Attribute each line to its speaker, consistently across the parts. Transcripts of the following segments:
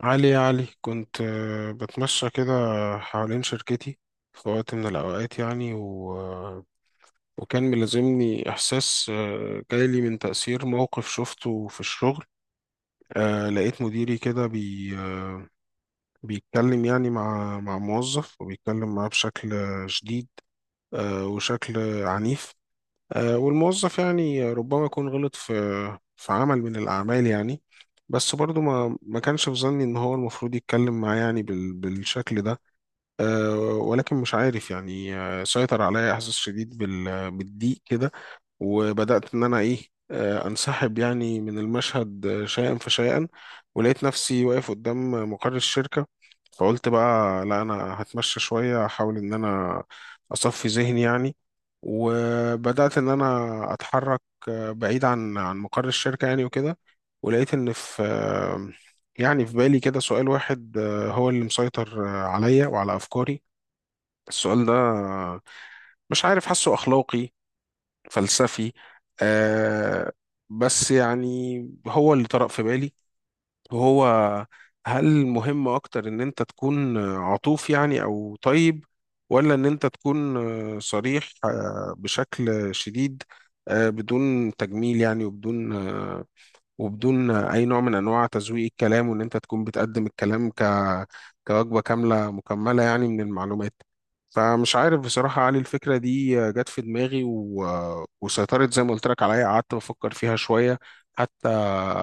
Speaker 1: علي يا علي كنت بتمشى كده حوالين شركتي في وقت من الأوقات يعني و... آه، وكان ملازمني إحساس جايلي من تأثير موقف شفته في الشغل. لقيت مديري كده بي... آه، بيتكلم يعني مع موظف وبيتكلم معاه بشكل شديد، وشكل عنيف. والموظف يعني ربما يكون غلط في عمل من الأعمال، يعني بس برضو ما كانش في ظني إن هو المفروض يتكلم معاه يعني بالشكل ده. ولكن مش عارف يعني، سيطر عليا إحساس شديد بالضيق كده، وبدأت إن أنا إيه، أنسحب يعني من المشهد شيئا فشيئا، ولقيت نفسي واقف قدام مقر الشركة. فقلت بقى لا أنا هتمشى شوية، أحاول إن أنا أصفي ذهني يعني. وبدأت إن أنا أتحرك بعيد عن مقر الشركة يعني وكده. ولقيت إن في آه، يعني في بالي كده سؤال واحد هو اللي مسيطر عليا وعلى أفكاري. السؤال ده مش عارف، حاسه أخلاقي فلسفي، آه بس يعني هو اللي طرأ في بالي، وهو هل مهم أكتر إن أنت تكون عطوف يعني أو طيب، ولا إن أنت تكون صريح بشكل شديد، بدون تجميل يعني وبدون اي نوع من انواع تزويق الكلام، وان انت تكون بتقدم الكلام ك كوجبه كامله مكمله يعني من المعلومات. فمش عارف بصراحه يا علي، الفكره دي جت في دماغي و... وسيطرت زي ما قلت لك عليا. قعدت بفكر فيها شويه، حتى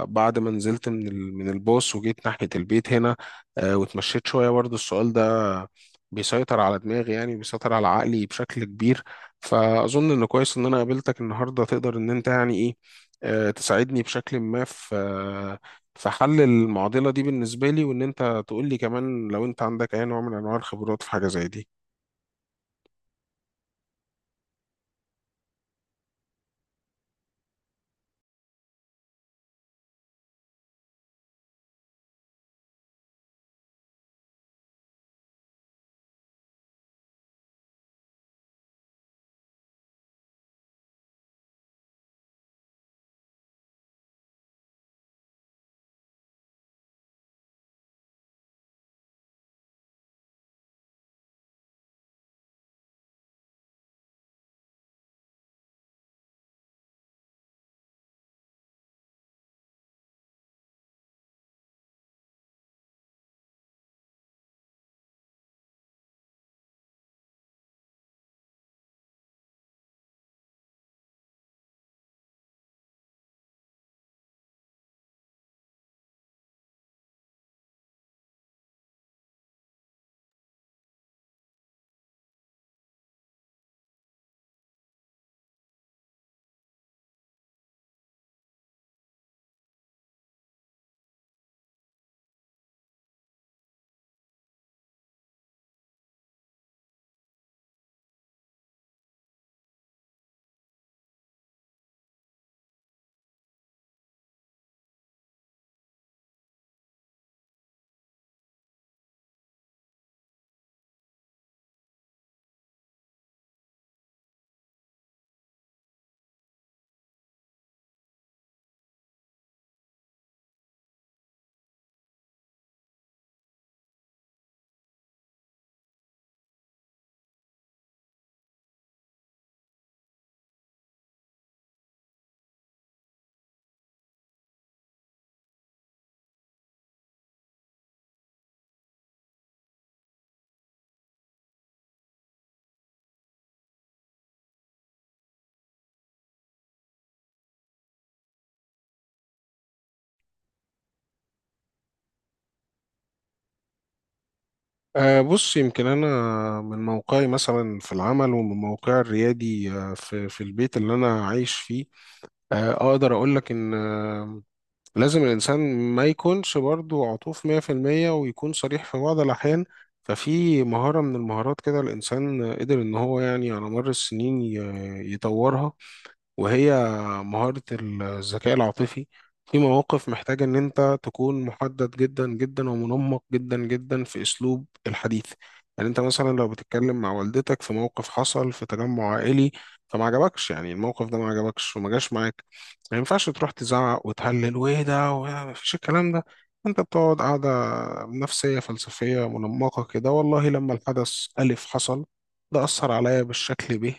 Speaker 1: بعد ما نزلت من من الباص وجيت ناحيه البيت هنا. واتمشيت شويه، برضو السؤال ده بيسيطر على دماغي، يعني بيسيطر على عقلي بشكل كبير. فاظن انه كويس ان انا قابلتك النهارده، تقدر ان انت يعني ايه، تساعدني بشكل ما في حل المعضلة دي بالنسبة لي، وإن أنت تقول لي كمان لو أنت عندك أي نوع من أنواع الخبرات في حاجة زي دي. بص يمكن أنا من موقعي مثلا في العمل، ومن موقعي الريادي في البيت اللي أنا عايش فيه، أقدر أقول لك إن، لازم الإنسان ما يكونش برضو عطوف 100%، ويكون صريح في بعض الأحيان. ففي مهارة من المهارات كده الإنسان قدر إن هو يعني على مر السنين يطورها، وهي مهارة الذكاء العاطفي. في مواقف محتاجة إن أنت تكون محدد جدا جدا ومنمق جدا جدا في أسلوب الحديث. يعني أنت مثلا لو بتتكلم مع والدتك في موقف حصل في تجمع عائلي فما عجبكش، يعني الموقف ده ما عجبكش وما جاش معاك، ما ينفعش تروح تزعق وتهلل وإيه ده وما فيش الكلام ده. أنت بتقعد قاعدة نفسية فلسفية منمقة كده، والله لما الحدث ألف حصل ده أثر عليا بالشكل ب،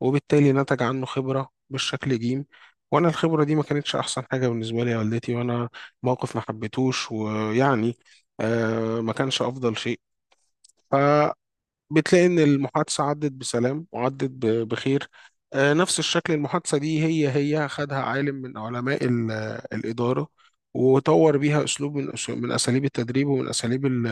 Speaker 1: وبالتالي نتج عنه خبرة بالشكل جيم، وأنا الخبرة دي ما كانتش أحسن حاجة بالنسبة لي يا والدتي. وأنا موقف ما حبيتهوش، ويعني آه ما كانش أفضل شيء. ف بتلاقي إن المحادثة عدت بسلام وعدت بخير. نفس الشكل المحادثة دي هي هي خدها عالم من علماء الإدارة، وطور بيها أسلوب من أساليب التدريب، ومن أساليب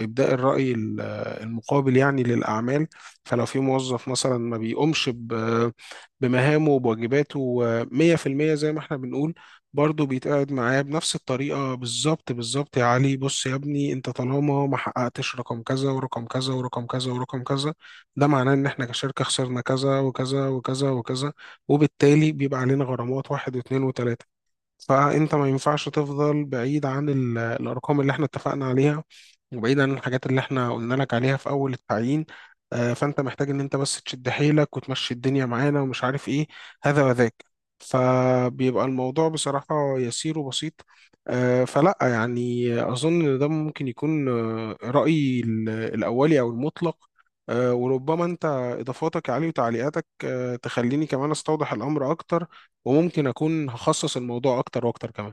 Speaker 1: إبداء الرأي المقابل يعني للأعمال. فلو في موظف مثلا ما بيقومش بمهامه وبواجباته 100% زي ما احنا بنقول، برضه بيتقعد معاه بنفس الطريقة بالظبط بالظبط. يا علي بص يا ابني، انت طالما ما حققتش رقم كذا ورقم كذا ورقم كذا ورقم كذا، ده معناه ان احنا كشركة خسرنا كذا وكذا وكذا وكذا، وبالتالي بيبقى علينا غرامات واحد واثنين وثلاثة. فانت ما ينفعش تفضل بعيد عن الارقام اللي احنا اتفقنا عليها، وبعيد عن الحاجات اللي احنا قلنا لك عليها في اول التعيين. فانت محتاج ان انت بس تشد حيلك وتمشي الدنيا معانا ومش عارف ايه، هذا وذاك. فبيبقى الموضوع بصراحة يسير وبسيط. فلا يعني اظن ان ده ممكن يكون رأيي الاولي او المطلق. وربما انت اضافاتك عليه وتعليقاتك تخليني كمان استوضح الامر اكتر، وممكن اكون هخصص الموضوع اكتر واكتر كمان.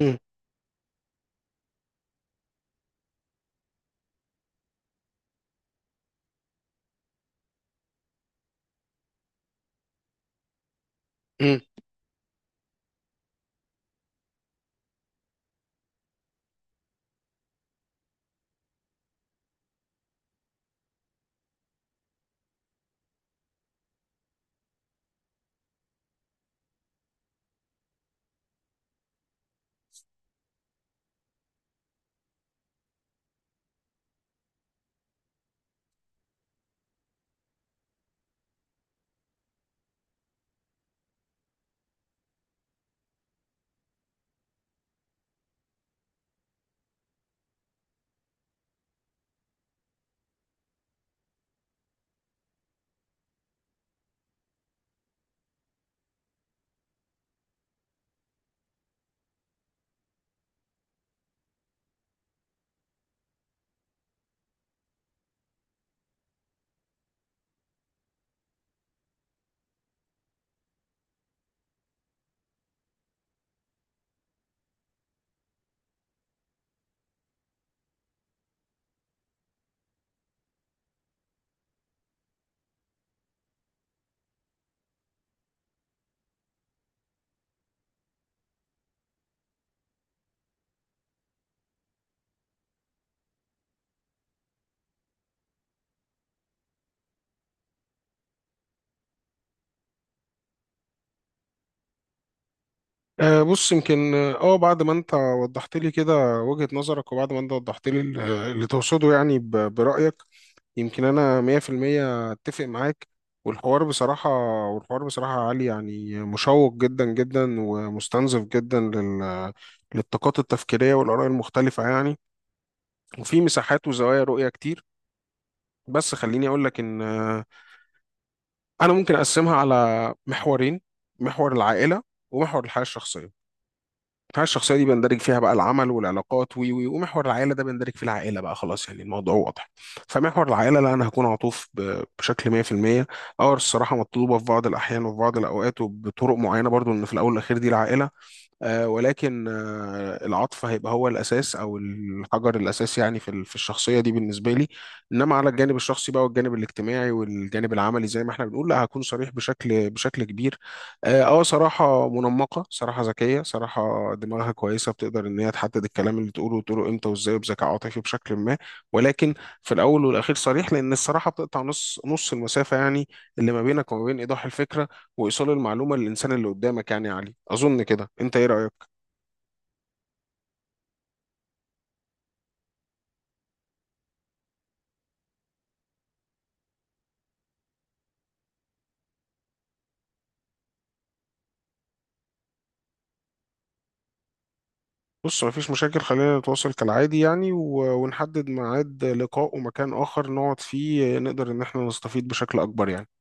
Speaker 1: مم. مم. بص يمكن اه أه، بعد ما انت وضحت لي كده وجهة نظرك، وبعد ما انت وضحت لي اللي تقصده يعني برأيك، يمكن انا 100% اتفق معاك. والحوار بصراحة، والحوار بصراحة عالي، يعني مشوق جدا جدا ومستنزف جدا للطاقات التفكيرية والآراء المختلفة يعني، وفي مساحات وزوايا رؤية كتير. بس خليني أقول لك إن انا ممكن اقسمها على محورين: محور العائله، ومحور الحياه الشخصيه. الحياه الشخصيه دي بندرج فيها بقى العمل والعلاقات وي وي ومحور العائله ده بندرج فيه العائله بقى، خلاص يعني الموضوع واضح. فمحور العائله لا، انا هكون عطوف بشكل 100%. اه الصراحه مطلوبه في بعض الاحيان وفي بعض الاوقات وبطرق معينه برضو، ان في الاول والاخير دي العائله. ولكن العطف هيبقى هو الأساس أو الحجر الأساسي يعني في في الشخصية دي بالنسبة لي. إنما على الجانب الشخصي بقى والجانب الاجتماعي والجانب العملي زي ما احنا بنقول، لا هكون صريح بشكل كبير. صراحة منمقة، صراحة ذكية، صراحة دماغها كويسة، بتقدر إن هي تحدد الكلام اللي تقوله، وتقوله إمتى وإزاي وبذكاء عاطفي بشكل ما. ولكن في الأول والأخير صريح، لأن الصراحة بتقطع نص نص المسافة يعني، اللي ما بينك وما بين إيضاح الفكرة وايصال المعلومه للانسان اللي قدامك. يعني يا علي اظن كده، انت ايه رايك؟ بص مفيش مشاكل، خلينا نتواصل كالعادي يعني، ونحدد ميعاد لقاء ومكان اخر نقعد فيه نقدر ان احنا نستفيد بشكل اكبر يعني.